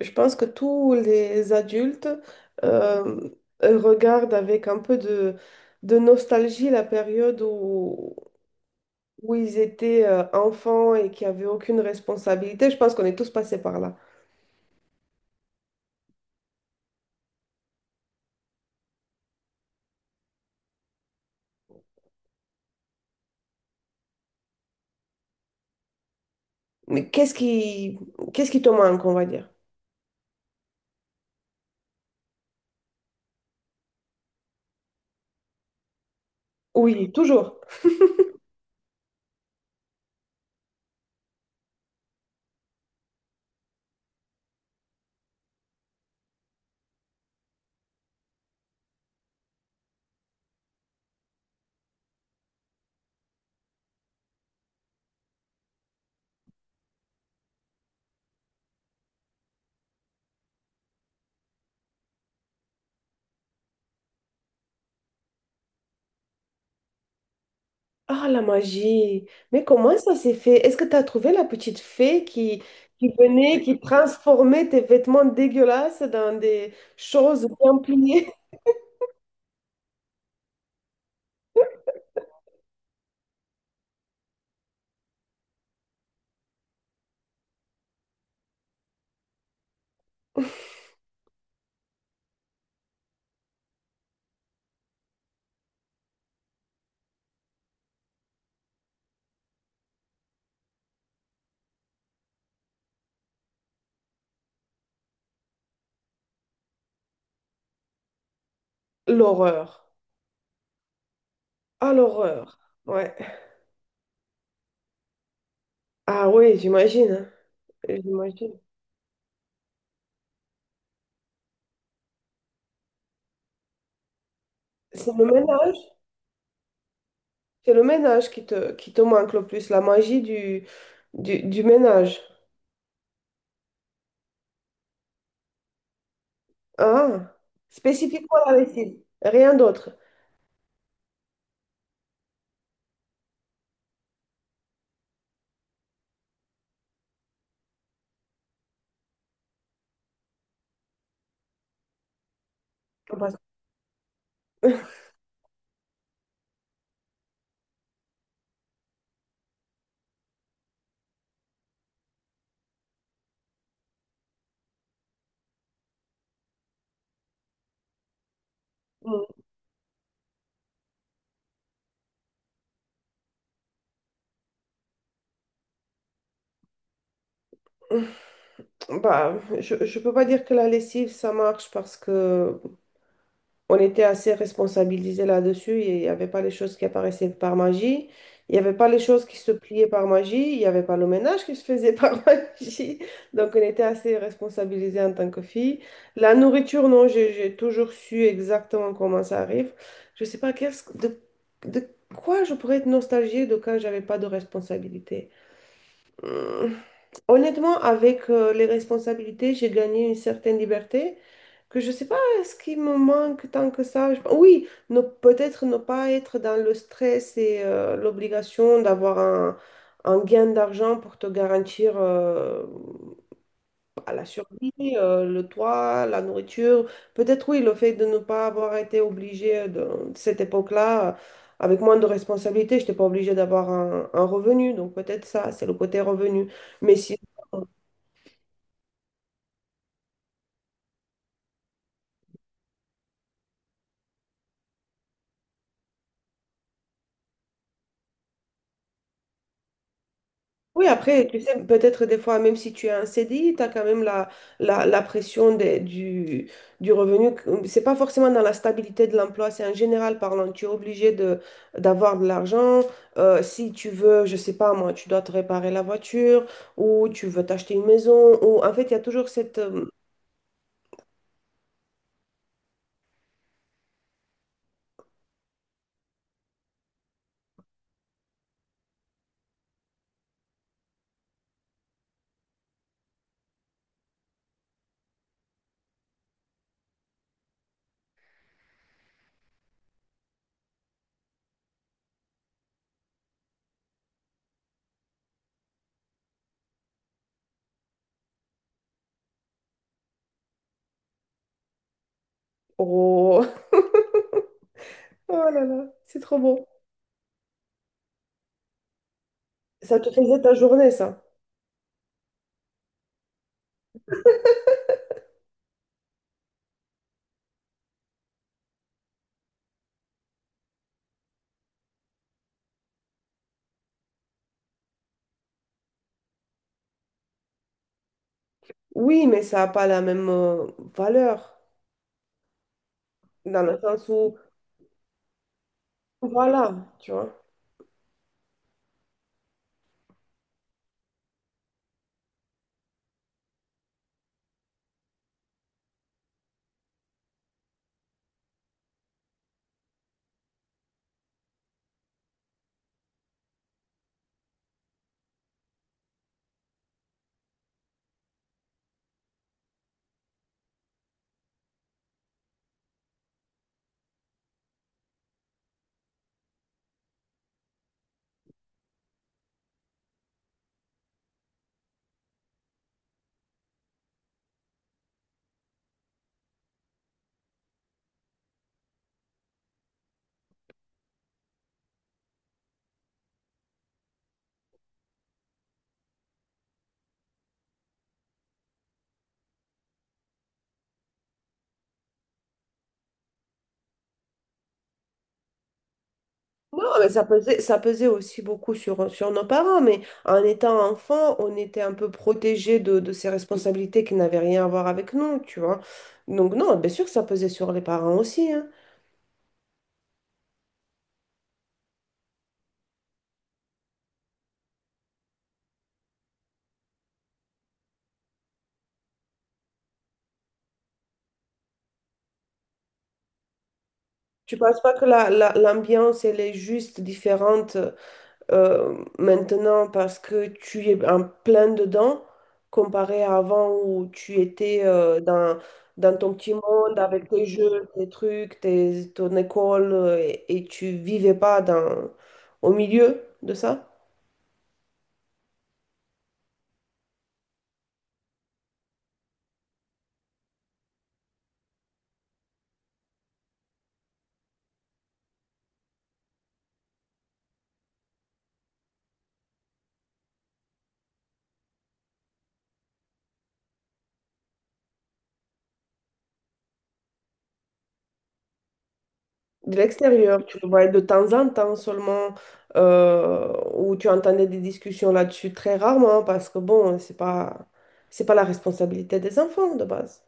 Je pense que tous les adultes euh, regardent avec un peu de nostalgie la période où ils étaient enfants et qui n'avaient aucune responsabilité. Je pense qu'on est tous passés par là. Mais qu'est-ce qui te manque, on va dire? Oui, toujours. Ah, la magie. Mais comment ça s'est fait? Est-ce que tu as trouvé la petite fée qui venait, qui transformait tes vêtements dégueulasses dans des choses bien pliées? L'horreur. Ah, l'horreur. Ouais. Ah oui, j'imagine, hein. J'imagine. C'est le ménage. C'est le ménage qui te manque le plus, la magie du ménage. Ah, spécifiquement la lessive. Rien d'autre. Ah, parce- Bah, je ne peux pas dire que la lessive, ça marche parce que on était assez responsabilisés là-dessus. Il n'y avait pas les choses qui apparaissaient par magie. Il n'y avait pas les choses qui se pliaient par magie. Il n'y avait pas le ménage qui se faisait par magie. Donc, on était assez responsabilisés en tant que filles. La nourriture, non, j'ai toujours su exactement comment ça arrive. Je ne sais pas qu'est-ce que- de quoi je pourrais être nostalgique de quand j'avais pas de responsabilité. Hmm. Honnêtement, avec les responsabilités, j'ai gagné une certaine liberté que je ne sais pas ce qui me manque tant que ça. Je- Oui, ne- peut-être ne pas être dans le stress et l'obligation d'avoir un gain d'argent pour te garantir à la survie, le toit, la nourriture. Peut-être oui, le fait de ne pas avoir été obligé de cette époque-là, avec moins de responsabilités, je n'étais pas obligé d'avoir un revenu. Donc peut-être ça, c'est le côté revenu. Mais si oui, après, tu sais, peut-être des fois, même si tu as un CDI, tu as quand même la pression des- du revenu. C'est pas forcément dans la stabilité de l'emploi, c'est en général parlant. Tu es obligé d'avoir de l'argent. Si tu veux, je sais pas moi, tu dois te réparer la voiture ou tu veux t'acheter une maison. Ou... En fait, il y a toujours cette... Oh, oh là là, c'est trop beau. Ça te faisait ta journée, ça. Oui, mais ça n'a pas la même valeur, dans le sens où, voilà, tu vois. Non, mais ça pesait aussi beaucoup sur nos parents, mais en étant enfant, on était un peu protégés de ces responsabilités qui n'avaient rien à voir avec nous, tu vois. Donc non, bien sûr que ça pesait sur les parents aussi, hein. Tu penses pas que l'ambiance, elle est juste différente maintenant parce que tu es en plein dedans comparé à avant où tu étais dans ton petit monde avec tes jeux, tes trucs, ton école et tu vivais pas dans, au milieu de ça, de l'extérieur. Tu le voyais de temps en temps seulement où tu entendais des discussions là-dessus très rarement parce que bon, c'est pas la responsabilité des enfants de base.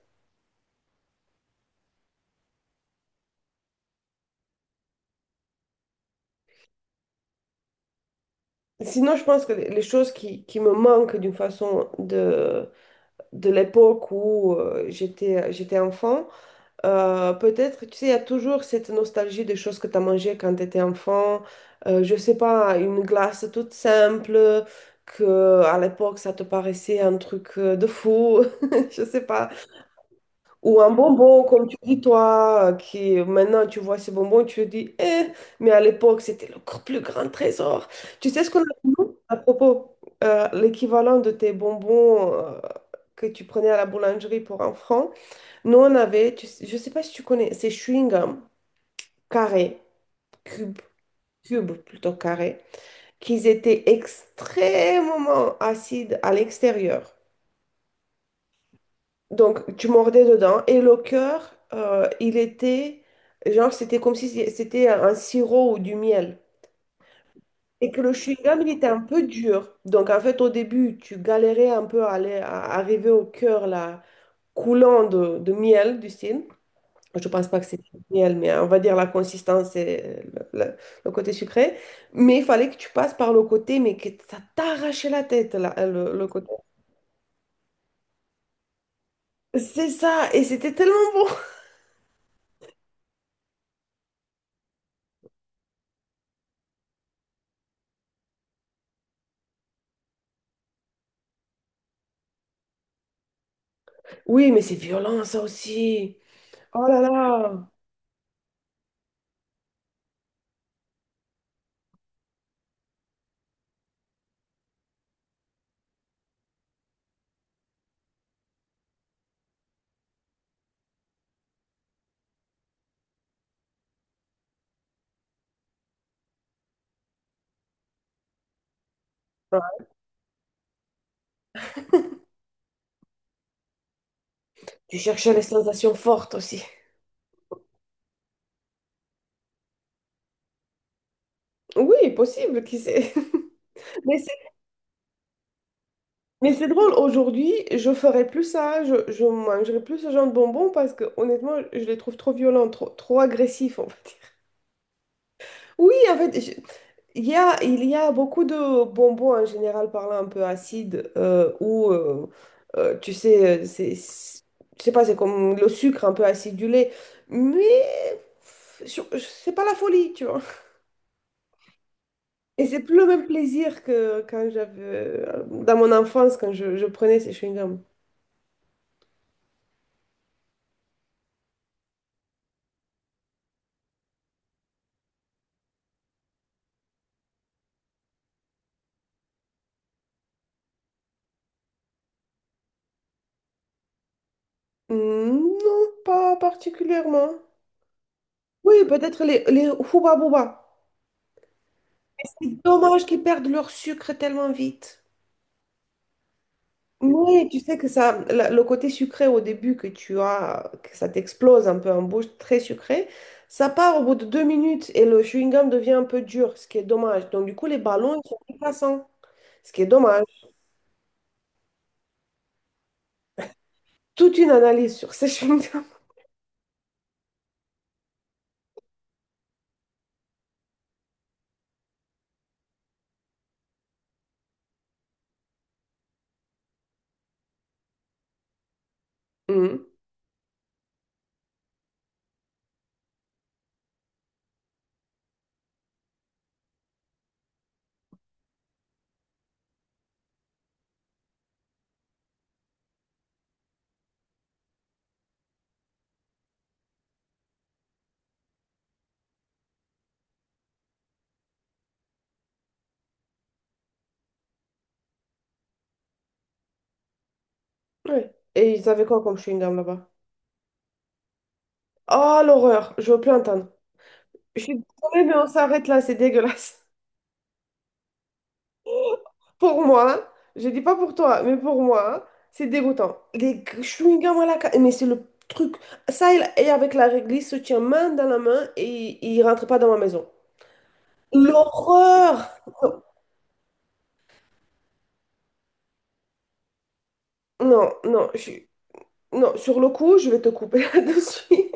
Sinon, je pense que les choses qui me manquent d'une façon de l'époque où j'étais enfant, peut-être, tu sais, il y a toujours cette nostalgie des choses que tu as mangées quand tu étais enfant. Je sais pas, une glace toute simple, que à l'époque, ça te paraissait un truc de fou. Je sais pas. Ou un bonbon, comme tu dis, toi, qui maintenant tu vois ce bonbon, tu te dis, eh, mais à l'époque, c'était le gr- plus grand trésor. Tu sais ce qu'on a dit, nous, à propos, l'équivalent de tes bonbons que tu prenais à la boulangerie pour un franc. Nous, on avait, tu sais- je ne sais pas si tu connais, ces chewing-gums carrés, cubes, cubes plutôt carrés, qui étaient extrêmement acides à l'extérieur. Donc, tu mordais dedans et le cœur, il était, genre, c'était comme si c'était un sirop ou du miel. Et que le chewing-gum, il était un peu dur. Donc, en fait, au début, tu galérais un peu à arriver au cœur, là, coulant de miel, du style. Je pense pas que c'était du miel, mais on va dire la consistance et le, le- le côté sucré. Mais il fallait que tu passes par le côté, mais que ça t'arrachait la tête, là, le côté. C'est ça, et c'était tellement bon. Oui, mais c'est violent, ça aussi. Oh là là! Ah, tu cherchais les sensations fortes aussi. Oui, possible, qui sait. Mais c'est mais c'est drôle, aujourd'hui, je ferais plus ça, je mangerais plus ce genre de bonbons parce que honnêtement, je les trouve trop violents, trop agressifs en fait. Oui, en fait, je- il y a beaucoup de bonbons en général parlant un peu acides tu sais, c'est- je sais pas, c'est comme le sucre un peu acidulé, mais c'est pas la folie, tu vois. Et c'est plus le même plaisir que quand j'avais, dans mon enfance, quand je prenais ces chewing-gums. Hmm, non, pas particulièrement. Oui, peut-être les Hubba Bubba. C'est dommage qu'ils perdent leur sucre tellement vite. Oui, tu sais que ça, la- le côté sucré au début que tu as, que ça t'explose un peu en bouche, très sucré, ça part au bout de 2 minutes et le chewing-gum devient un peu dur, ce qui est dommage. Donc du coup, les ballons, ils sont plus passants, ce qui est dommage. Toute une analyse sur ces chewing-gums. Mm. Ouais. Et ils avaient quoi comme chewing-gum là-bas? Oh l'horreur, je veux plus entendre. Je suis désolée, mais on s'arrête là, c'est dégueulasse. Pour moi, je dis pas pour toi, mais pour moi, c'est dégoûtant. Les chewing-gums à la ca- mais c'est le truc. Ça, il- et avec la réglisse, se tient main dans la main et il rentre pas dans ma maison. L'horreur! Non, non, je... suis- non, sur le coup, je vais te couper là-dessus.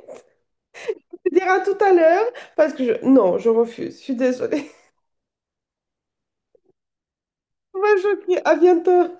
Tu diras tout à l'heure parce que je... Non, je refuse, je suis désolée. On va choquer, à bientôt.